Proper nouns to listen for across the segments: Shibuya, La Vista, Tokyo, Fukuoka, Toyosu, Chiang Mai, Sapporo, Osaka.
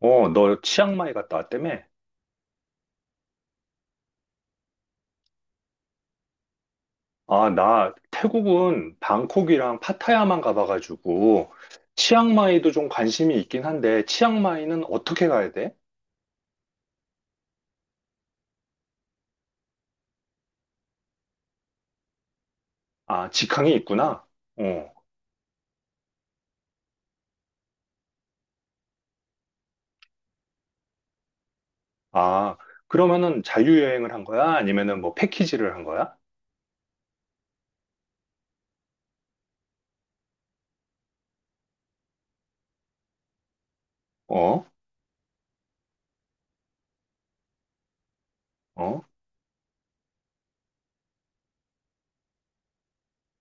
어, 너 치앙마이 갔다 왔다며? 아, 나 태국은 방콕이랑 파타야만 가봐가지고 치앙마이도 좀 관심이 있긴 한데 치앙마이는 어떻게 가야 돼? 아, 직항이 있구나. 어. 아, 그러면은 자유여행을 한 거야? 아니면은 뭐 패키지를 한 거야? 어? 어?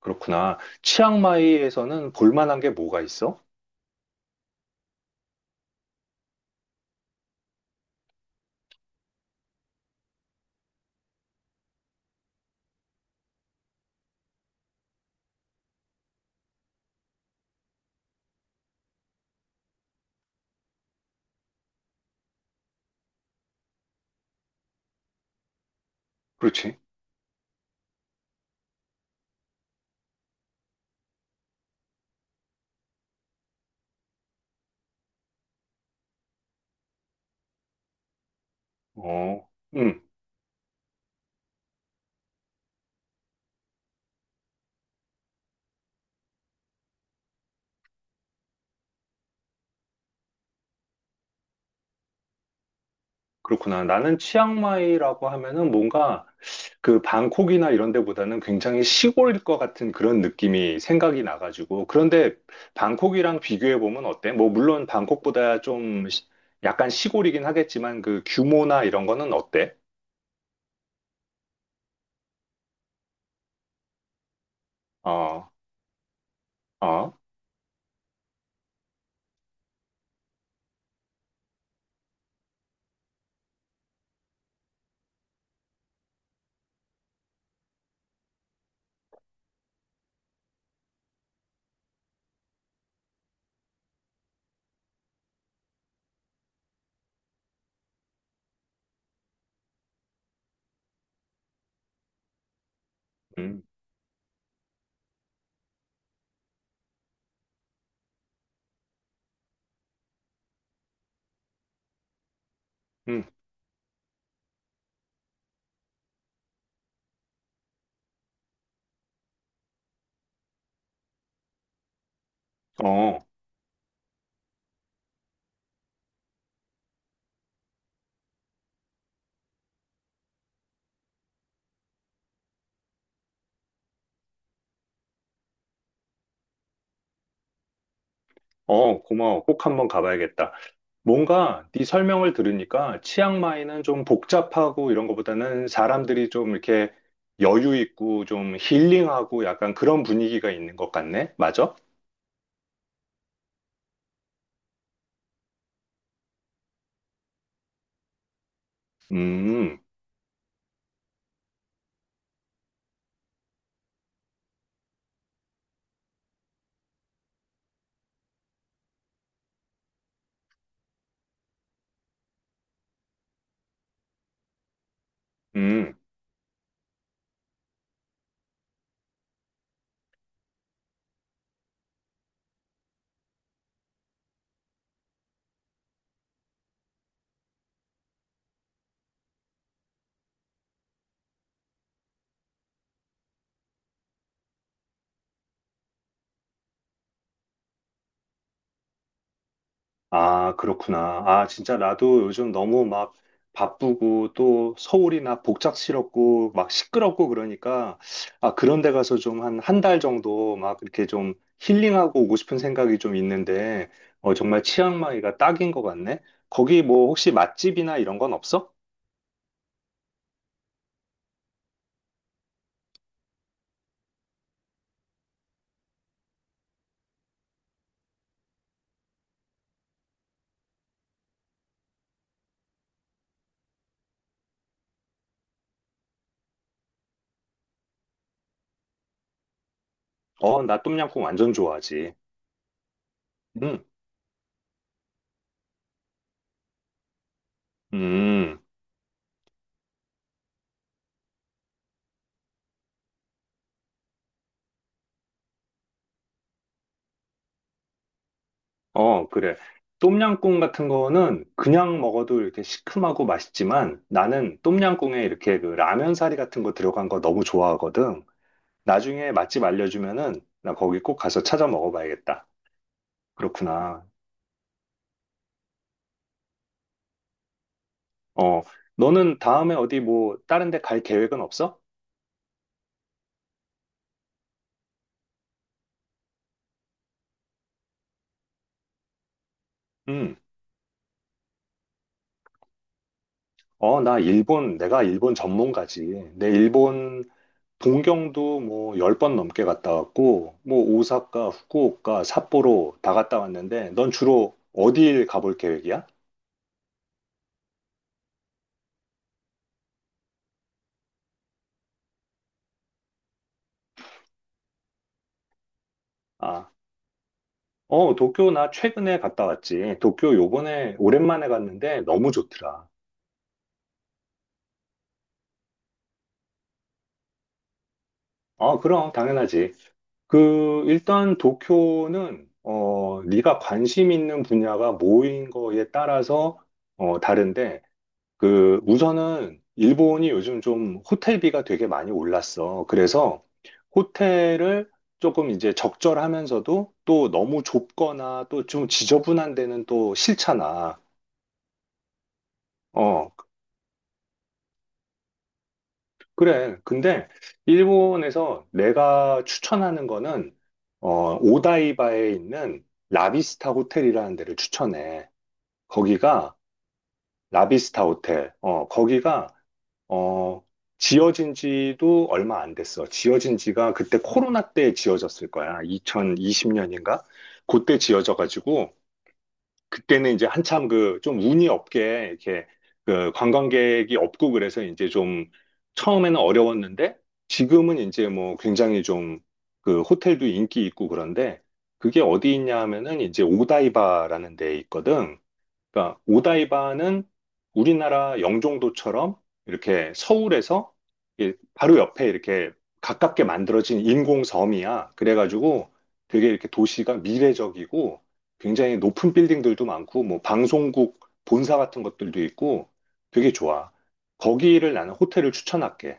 그렇구나. 치앙마이에서는 볼 만한 게 뭐가 있어? 그렇지. 어. 음. 그렇구나. 나는 치앙마이라고 하면은 뭔가 그 방콕이나 이런 데보다는 굉장히 시골일 것 같은 그런 느낌이 생각이 나가지고. 그런데 방콕이랑 비교해 보면 어때? 뭐 물론 방콕보다 좀 약간 시골이긴 하겠지만 그 규모나 이런 거는 어때? 어, 어, 음, 음, 어, 어, 고마워. 꼭 한번 가봐야겠다. 뭔가 네 설명을 들으니까 치앙마이는 좀 복잡하고 이런 것보다는 사람들이 좀 이렇게 여유 있고 좀 힐링하고 약간 그런 분위기가 있는 것 같네. 맞아? 음, 음. 아, 그렇구나. 아, 진짜 나도 요즘 너무 막 바쁘고 또 서울이나 복잡스럽고 막 시끄럽고 그러니까 아, 그런 데 가서 좀 한 한 달 정도 막 이렇게 좀 힐링하고 오고 싶은 생각이 좀 있는데 어, 정말 치앙마이가 딱인 것 같네. 거기 뭐 혹시 맛집이나 이런 건 없어? 어, 나 똠양꿍 완전 좋아하지. 응. 음. 음. 어, 그래. 똠양꿍 같은 거는 그냥 먹어도 이렇게 시큼하고 맛있지만 나는 똠양꿍에 이렇게 그 라면 사리 같은 거 들어간 거 너무 좋아하거든. 나중에 맛집 알려주면은 나 거기 꼭 가서 찾아 먹어봐야겠다. 그렇구나. 어, 너는 다음에 어디 뭐 다른 데 갈 계획은 없어? 응. 어, 나 일본, 내가 일본 전문가지. 내 일본 동경도 뭐 10번 넘게 갔다 왔고, 뭐 오사카, 후쿠오카, 삿포로 다 갔다 왔는데, 넌 주로 어딜 가볼 계획이야? 아, 어, 도쿄 나 최근에 갔다 왔지. 도쿄 요번에 오랜만에 갔는데 너무 좋더라. 아, 그럼 당연하지. 그 일단 도쿄는 어, 네가 관심 있는 분야가 뭐인 거에 따라서 어, 다른데 그 우선은 일본이 요즘 좀 호텔비가 되게 많이 올랐어. 그래서 호텔을 조금 이제 적절하면서도 또 너무 좁거나 또 좀 지저분한 데는 또 싫잖아. 어, 그래. 근데 일본에서 내가 추천하는 거는 어, 오다이바에 있는 라비스타 호텔이라는 데를 추천해. 거기가 라비스타 호텔. 어, 거기가 어, 지어진 지도 얼마 안 됐어. 지어진 지가 그때 코로나 때 지어졌을 거야. 2020년인가? 그때 지어져가지고, 그때는 이제 한참 그 좀 운이 없게 이렇게 그 관광객이 없고 그래서 이제 좀 처음에는 어려웠는데, 지금은 이제 뭐 굉장히 좀 그 호텔도 인기 있고 그런데, 그게 어디 있냐 하면은 이제 오다이바라는 데 있거든. 그러니까 오다이바는 우리나라 영종도처럼 이렇게 서울에서 이게 바로 옆에 이렇게 가깝게 만들어진 인공섬이야. 그래가지고 되게 이렇게 도시가 미래적이고 굉장히 높은 빌딩들도 많고 뭐 방송국 본사 같은 것들도 있고 되게 좋아. 거기를 나는 호텔을 추천할게.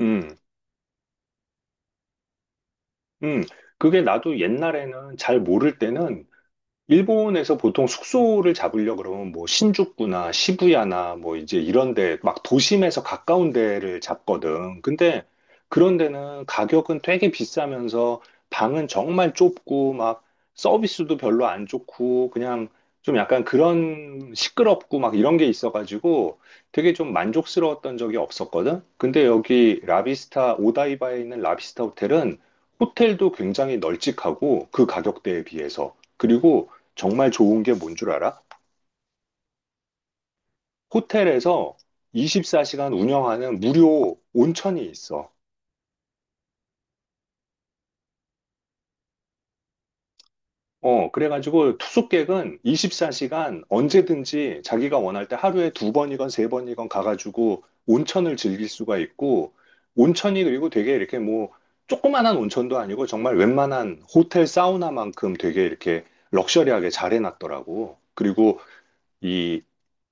음, 음. 그게 나도 옛날에는 잘 모를 때는 일본에서 보통 숙소를 잡으려 그러면 뭐 신주쿠나 시부야나 뭐 이제 이런 데 막 도심에서 가까운 데를 잡거든. 근데 그런 데는 가격은 되게 비싸면서 방은 정말 좁고 막 서비스도 별로 안 좋고 그냥 좀 약간 그런 시끄럽고 막 이런 게 있어가지고 되게 좀 만족스러웠던 적이 없었거든. 근데 여기 라비스타 오다이바에 있는 라비스타 호텔은 호텔도 굉장히 널찍하고 그 가격대에 비해서 그리고 정말 좋은 게 뭔줄 알아? 호텔에서 24시간 운영하는 무료 온천이 있어. 어, 그래가지고 투숙객은 24시간 언제든지 자기가 원할 때 하루에 두 번이건 세 번이건 가가지고 온천을 즐길 수가 있고, 온천이 그리고 되게 이렇게 뭐, 조그만한 온천도 아니고 정말 웬만한 호텔 사우나만큼 되게 이렇게 럭셔리하게 잘 해놨더라고. 그리고 이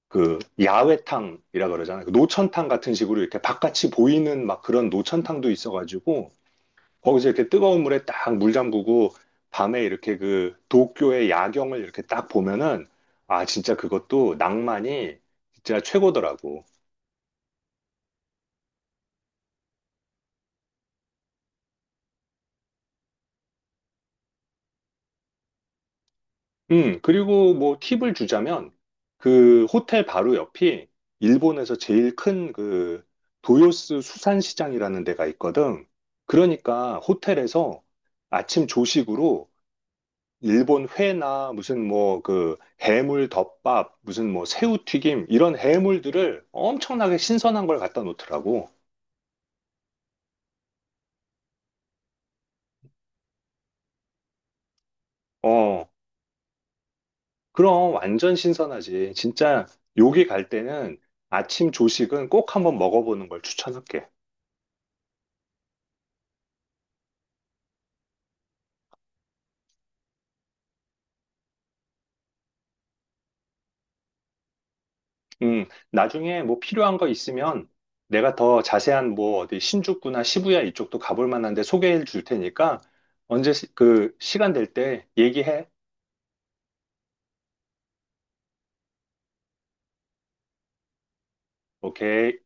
그 야외탕이라 그러잖아요. 그 노천탕 같은 식으로 이렇게 바깥이 보이는 막 그런 노천탕도 있어가지고 거기서 이렇게 뜨거운 물에 딱 물 잠그고 밤에 이렇게 그 도쿄의 야경을 이렇게 딱 보면은 아 진짜 그것도 낭만이 진짜 최고더라고. 그리고 뭐 팁을 주자면 그 호텔 바로 옆이 일본에서 제일 큰 그 도요스 수산시장이라는 데가 있거든. 그러니까 호텔에서 아침 조식으로 일본 회나 무슨 뭐 그 해물 덮밥, 무슨 뭐 새우튀김 이런 해물들을 엄청나게 신선한 걸 갖다 놓더라고. 어, 그럼 완전 신선하지. 진짜 여기 갈 때는 아침 조식은 꼭 한번 먹어보는 걸 추천할게. 나중에 뭐 필요한 거 있으면 내가 더 자세한 뭐 어디 신주쿠나 시부야 이쪽도 가볼 만한데 소개해 줄 테니까 언제 그 시간 될 때 얘기해. 오케이.